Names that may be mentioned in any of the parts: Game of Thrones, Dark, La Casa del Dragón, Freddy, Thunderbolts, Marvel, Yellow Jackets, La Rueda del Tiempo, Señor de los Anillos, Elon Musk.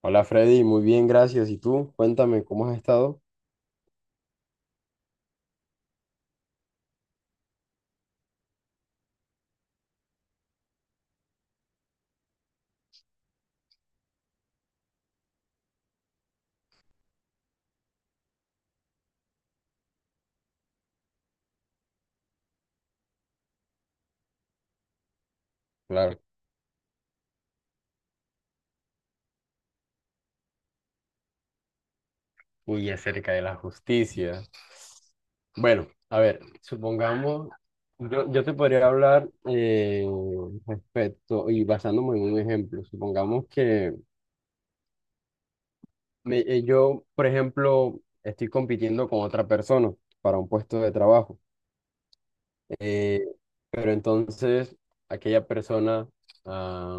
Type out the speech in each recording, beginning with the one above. Hola Freddy, muy bien, gracias. ¿Y tú? Cuéntame, ¿cómo has estado? Claro. Uy, acerca de la justicia. Bueno, a ver, supongamos, yo te podría hablar respecto y basándome en un ejemplo. Supongamos que yo, por ejemplo, estoy compitiendo con otra persona para un puesto de trabajo. Eh, pero entonces, aquella persona, ah,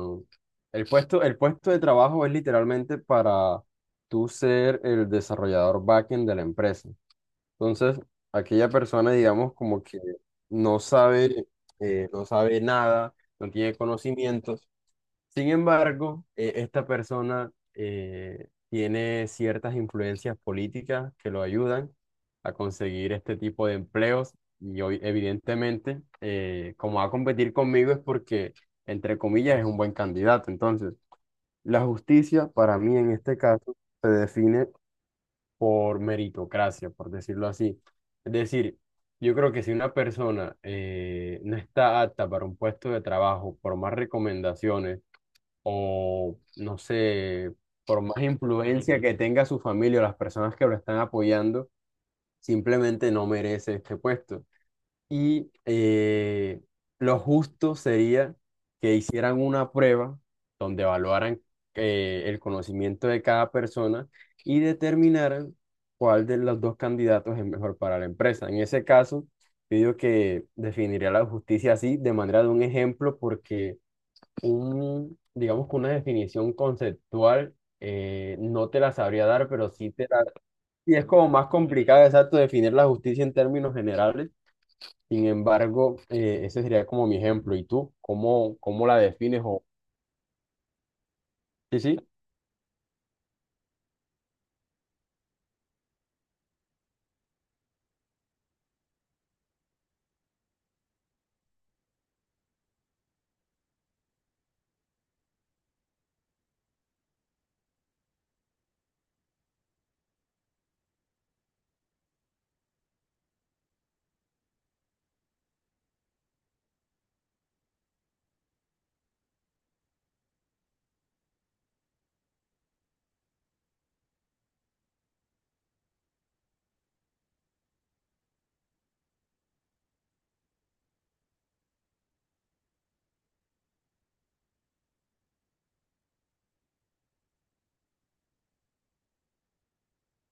el puesto de trabajo es literalmente para tú ser el desarrollador backend de la empresa. Entonces, aquella persona, digamos, como que no sabe, no sabe nada, no tiene conocimientos. Sin embargo, esta persona tiene ciertas influencias políticas que lo ayudan a conseguir este tipo de empleos y hoy, evidentemente, como va a competir conmigo es porque, entre comillas, es un buen candidato. Entonces, la justicia para mí en este caso se define por meritocracia, por decirlo así. Es decir, yo creo que si una persona no está apta para un puesto de trabajo por más recomendaciones, o no sé, por más influencia que tenga su familia o las personas que lo están apoyando, simplemente no merece este puesto. Y lo justo sería que hicieran una prueba donde evaluaran el conocimiento de cada persona y determinaran cuál de los dos candidatos es mejor para la empresa. En ese caso, yo digo que definiría la justicia así, de manera de un ejemplo, porque un, digamos que una definición conceptual, no te la sabría dar, pero sí te la... Y es como más complicado, exacto, definir la justicia en términos generales. Sin embargo, ese sería como mi ejemplo. ¿Y tú? ¿Cómo la defines? O... Sí, sí,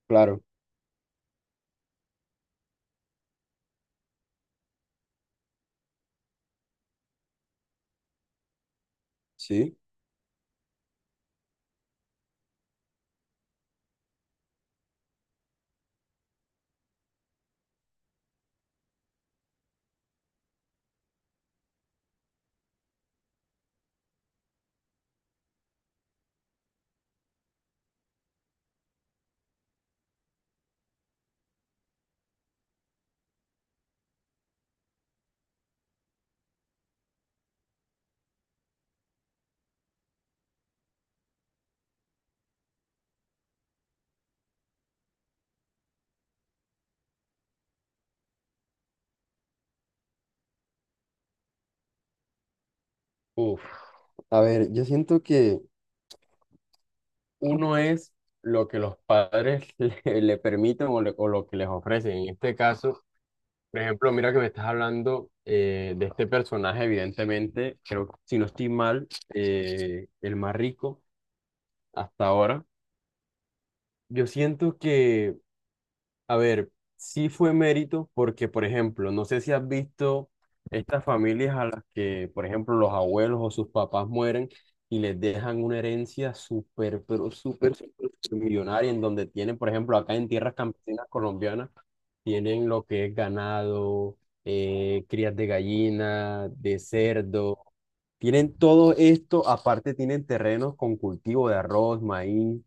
claro, sí. Uf. A ver, yo siento que uno es lo que los padres le permiten o, o lo que les ofrecen. En este caso, por ejemplo, mira que me estás hablando de este personaje, evidentemente, creo que si no estoy mal, el más rico hasta ahora. Yo siento que, a ver, sí fue mérito porque, por ejemplo, no sé si has visto estas familias a las que, por ejemplo, los abuelos o sus papás mueren y les dejan una herencia súper, pero súper, súper millonaria, en donde tienen, por ejemplo, acá en tierras campesinas colombianas, tienen lo que es ganado, crías de gallina, de cerdo, tienen todo esto, aparte tienen terrenos con cultivo de arroz, maíz,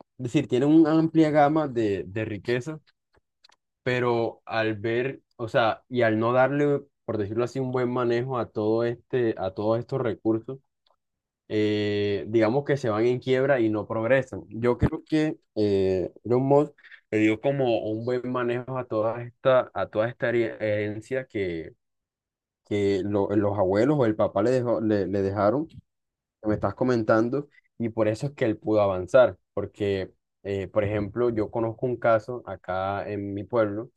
es decir, tienen una amplia gama de riquezas, pero al ver, o sea, y al no darle, por decirlo así, un buen manejo a todo este, a todos estos recursos, digamos que se van en quiebra y no progresan. Yo creo que Elon Musk le dio como un buen manejo a toda esta herencia que los abuelos o el papá le dejó, le dejaron, que me estás comentando, y por eso es que él pudo avanzar, porque, por ejemplo, yo conozco un caso acá en mi pueblo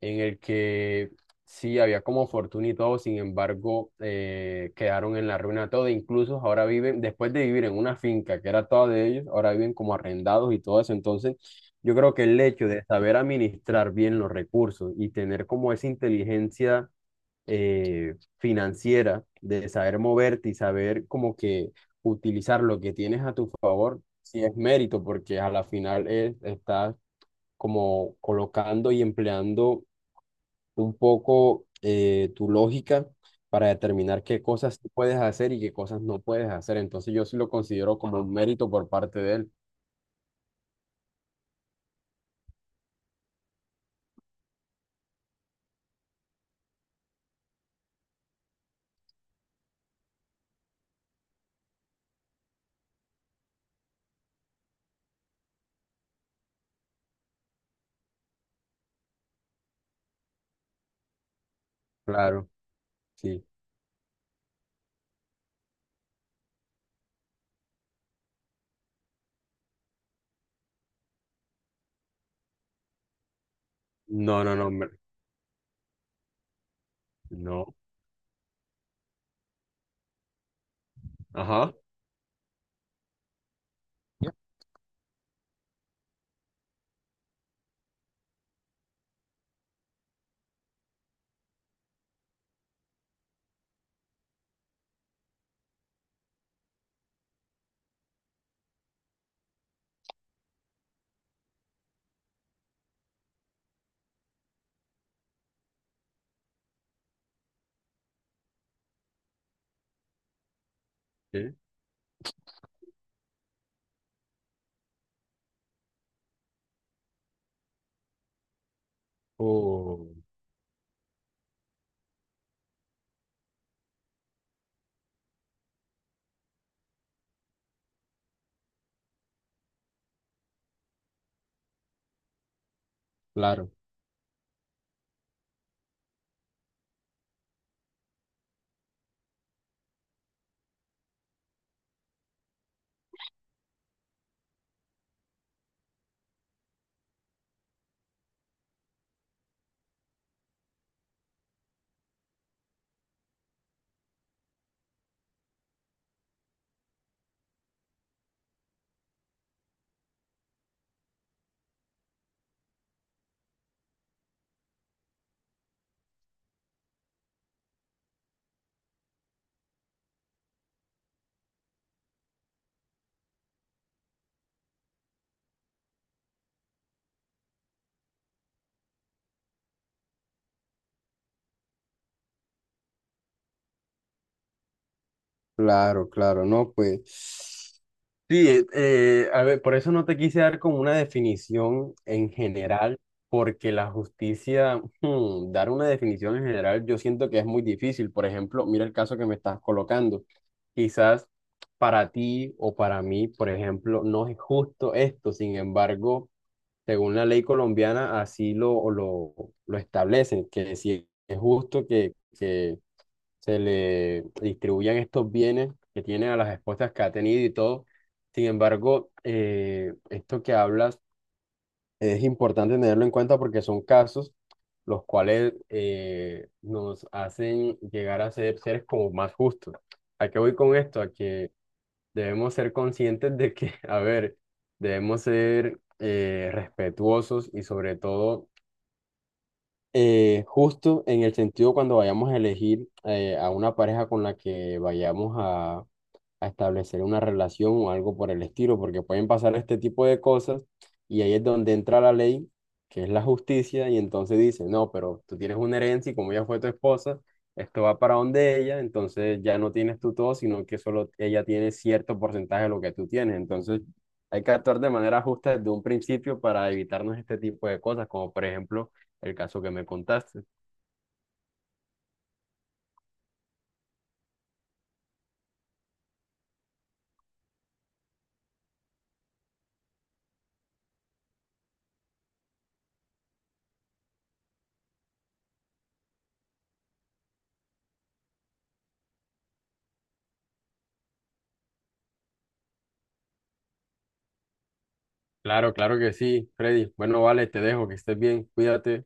en el que sí había como fortuna y todo, sin embargo, quedaron en la ruina todo, incluso ahora viven, después de vivir en una finca que era toda de ellos, ahora viven como arrendados y todo eso. Entonces yo creo que el hecho de saber administrar bien los recursos y tener como esa inteligencia financiera, de saber moverte y saber como que utilizar lo que tienes a tu favor, sí es mérito, porque a la final es, estás como colocando y empleando un poco tu lógica para determinar qué cosas sí puedes hacer y qué cosas no puedes hacer. Entonces yo sí lo considero como un mérito por parte de él. Claro, sí. No, no, no, me- no. Ajá. ¿Qué? Oh, claro. Claro, claro, no, pues sí, a ver, por eso no te quise dar como una definición en general, porque la justicia, hmm, dar una definición en general, yo siento que es muy difícil. Por ejemplo, mira el caso que me estás colocando. Quizás para ti o para mí, por ejemplo, no es justo esto. Sin embargo, según la ley colombiana, así lo establecen, que si es justo que se le distribuyan estos bienes que tiene a las esposas que ha tenido y todo. Sin embargo, esto que hablas es importante tenerlo en cuenta porque son casos los cuales nos hacen llegar a ser seres como más justos. ¿A qué voy con esto? A que debemos ser conscientes de que, a ver, debemos ser respetuosos y sobre todo justo en el sentido cuando vayamos a elegir a una pareja con la que vayamos a establecer una relación o algo por el estilo, porque pueden pasar este tipo de cosas y ahí es donde entra la ley, que es la justicia, y entonces dice, no, pero tú tienes una herencia y como ella fue tu esposa, esto va para donde ella, entonces ya no tienes tú todo, sino que solo ella tiene cierto porcentaje de lo que tú tienes. Entonces hay que actuar de manera justa desde un principio para evitarnos este tipo de cosas, como por ejemplo el caso que me contaste. Claro, claro que sí, Freddy. Bueno, vale, te dejo, que estés bien, cuídate.